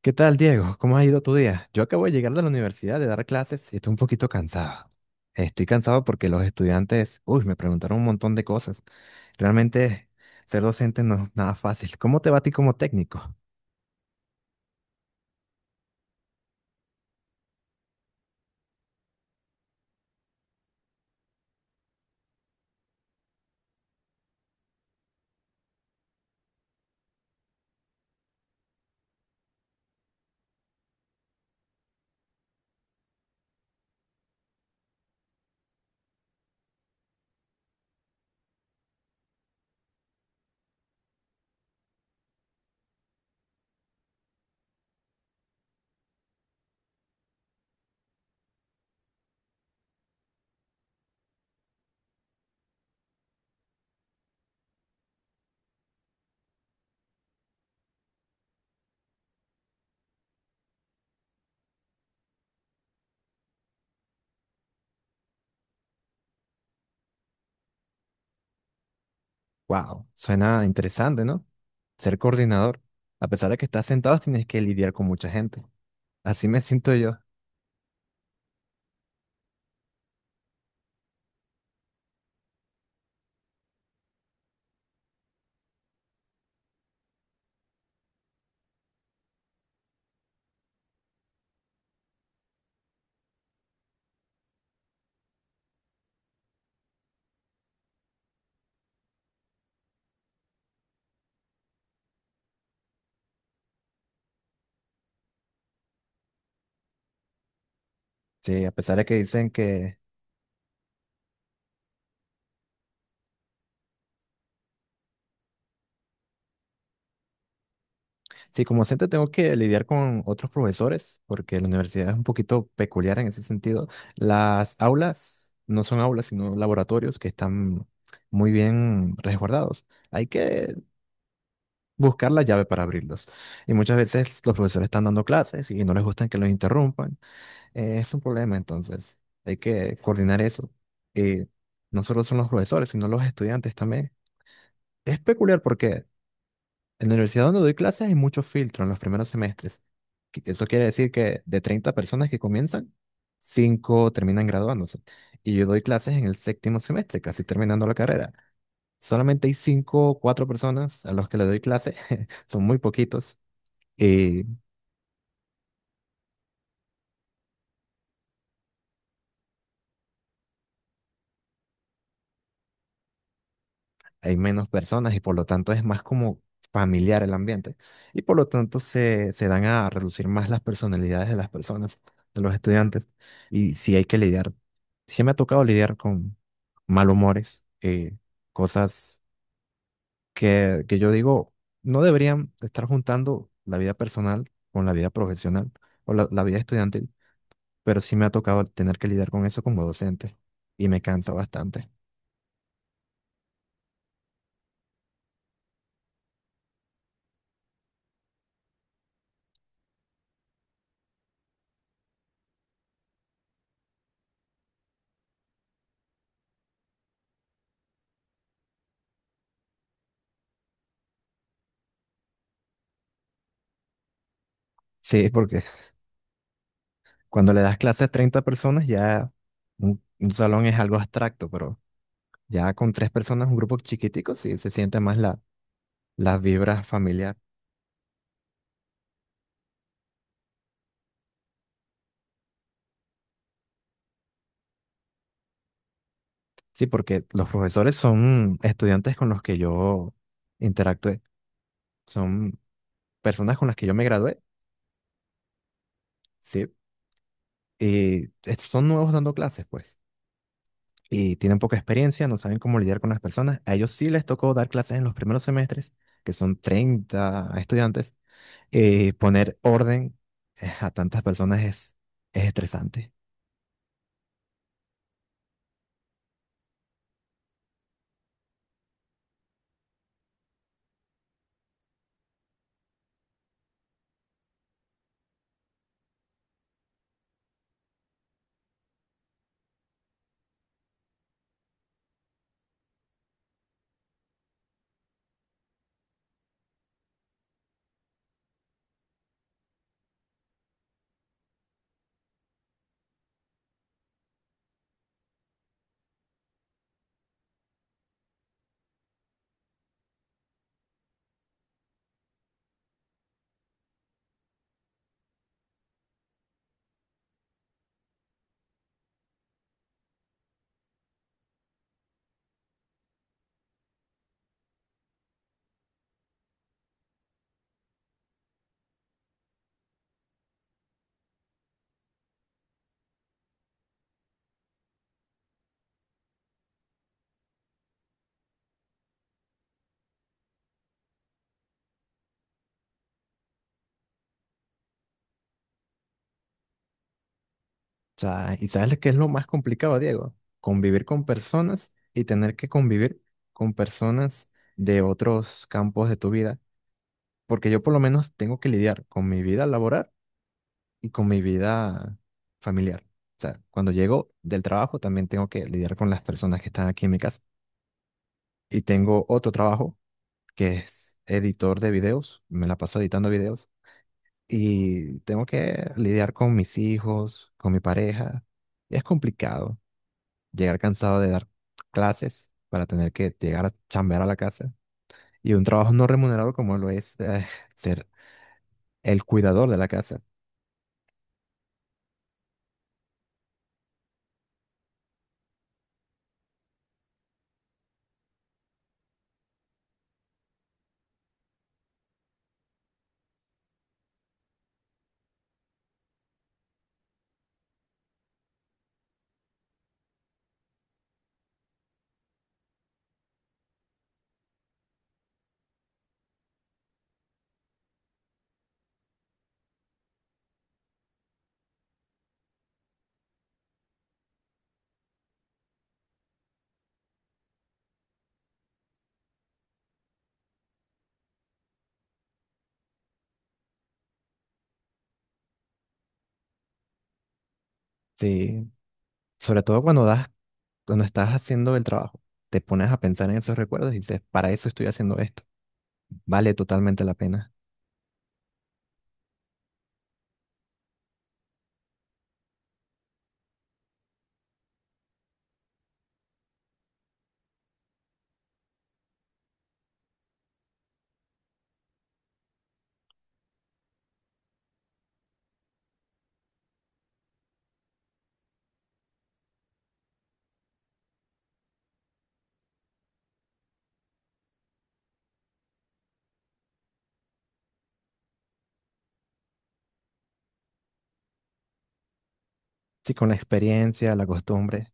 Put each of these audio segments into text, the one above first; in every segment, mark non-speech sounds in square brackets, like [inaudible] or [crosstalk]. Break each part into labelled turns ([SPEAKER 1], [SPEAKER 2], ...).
[SPEAKER 1] ¿Qué tal, Diego? ¿Cómo ha ido tu día? Yo acabo de llegar de la universidad de dar clases y estoy un poquito cansado. Estoy cansado porque los estudiantes, uy, me preguntaron un montón de cosas. Realmente ser docente no es nada fácil. ¿Cómo te va a ti como técnico? Wow, suena interesante, ¿no? Ser coordinador. A pesar de que estás sentado, tienes que lidiar con mucha gente. Así me siento yo. Sí, a pesar de que dicen que sí, como docente tengo que lidiar con otros profesores, porque la universidad es un poquito peculiar en ese sentido. Las aulas no son aulas, sino laboratorios que están muy bien resguardados. Hay que buscar la llave para abrirlos. Y muchas veces los profesores están dando clases y no les gustan que los interrumpan. Es un problema, entonces hay que coordinar eso. Y no solo son los profesores, sino los estudiantes también. Es peculiar porque en la universidad donde doy clases hay mucho filtro en los primeros semestres. Eso quiere decir que de 30 personas que comienzan, 5 terminan graduándose. Y yo doy clases en el séptimo semestre, casi terminando la carrera. Solamente hay 5, o 4 personas a los que le doy clases, [laughs] son muy poquitos. Hay menos personas y por lo tanto es más como familiar el ambiente. Y por lo tanto se dan a relucir más las personalidades de las personas, de los estudiantes. Y si hay que lidiar. Sí me ha tocado lidiar con malhumores, cosas que yo digo no deberían estar juntando la vida personal con la vida profesional o la vida estudiantil, pero sí me ha tocado tener que lidiar con eso como docente y me cansa bastante. Sí, porque cuando le das clases a 30 personas, ya un salón es algo abstracto, pero ya con tres personas, un grupo chiquitico, sí se siente más las vibras familiar. Sí, porque los profesores son estudiantes con los que yo interactué, son personas con las que yo me gradué, sí, y son nuevos dando clases, pues, y tienen poca experiencia, no saben cómo lidiar con las personas. A ellos sí les tocó dar clases en los primeros semestres, que son 30 estudiantes, poner orden a tantas personas es estresante. O sea, ¿y sabes lo que es lo más complicado, Diego? Convivir con personas y tener que convivir con personas de otros campos de tu vida. Porque yo por lo menos tengo que lidiar con mi vida laboral y con mi vida familiar. O sea, cuando llego del trabajo también tengo que lidiar con las personas que están aquí en mi casa. Y tengo otro trabajo que es editor de videos. Me la paso editando videos y tengo que lidiar con mis hijos, con mi pareja. Y es complicado llegar cansado de dar clases para tener que llegar a chambear a la casa y un trabajo no remunerado como lo es, [laughs] ser el cuidador de la casa. Sí, sobre todo cuando das, cuando estás haciendo el trabajo, te pones a pensar en esos recuerdos y dices, para eso estoy haciendo esto. Vale totalmente la pena. Sí, con la experiencia, la costumbre.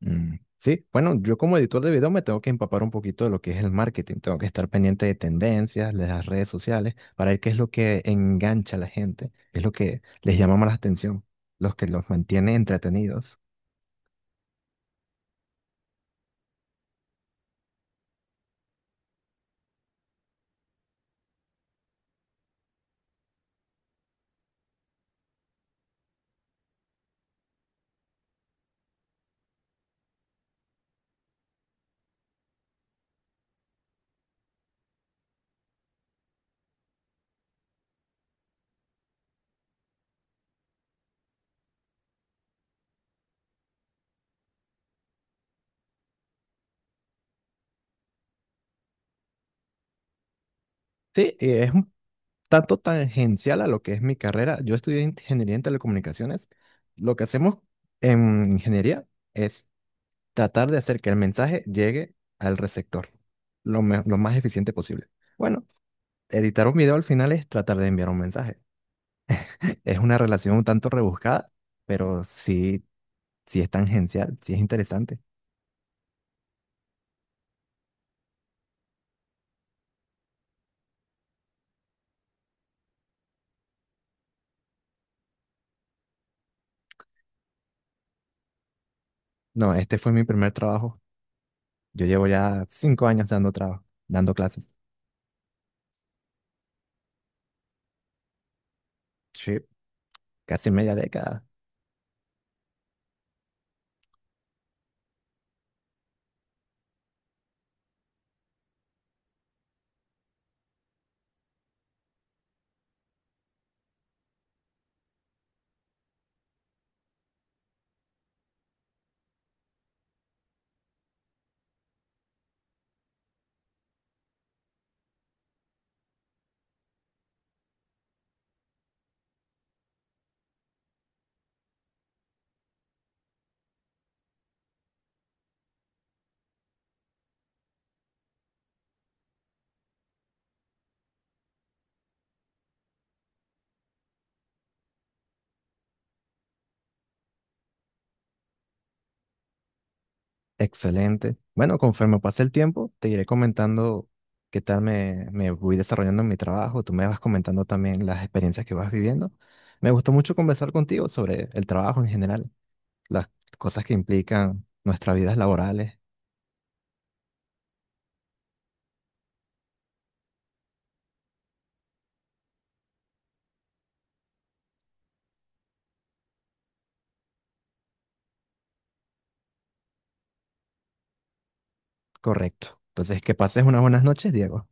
[SPEAKER 1] Mm. Sí, bueno, yo como editor de video me tengo que empapar un poquito de lo que es el marketing, tengo que estar pendiente de tendencias, de las redes sociales, para ver qué es lo que engancha a la gente, qué es lo que les llama más la atención, los que los mantiene entretenidos. Sí, y es un tanto tangencial a lo que es mi carrera. Yo estudié ingeniería en telecomunicaciones. Lo que hacemos en ingeniería es tratar de hacer que el mensaje llegue al receptor lo, lo más eficiente posible. Bueno, editar un video al final es tratar de enviar un mensaje. Es una relación un tanto rebuscada, pero sí, sí es tangencial, sí es interesante. No, este fue mi primer trabajo. Yo llevo ya 5 años dando trabajo, dando clases. Sí, casi media década. Excelente. Bueno, conforme pase el tiempo, te iré comentando qué tal me voy desarrollando en mi trabajo. Tú me vas comentando también las experiencias que vas viviendo. Me gustó mucho conversar contigo sobre el trabajo en general, las cosas que implican nuestras vidas laborales. Correcto. Entonces, que pases unas buenas noches, Diego.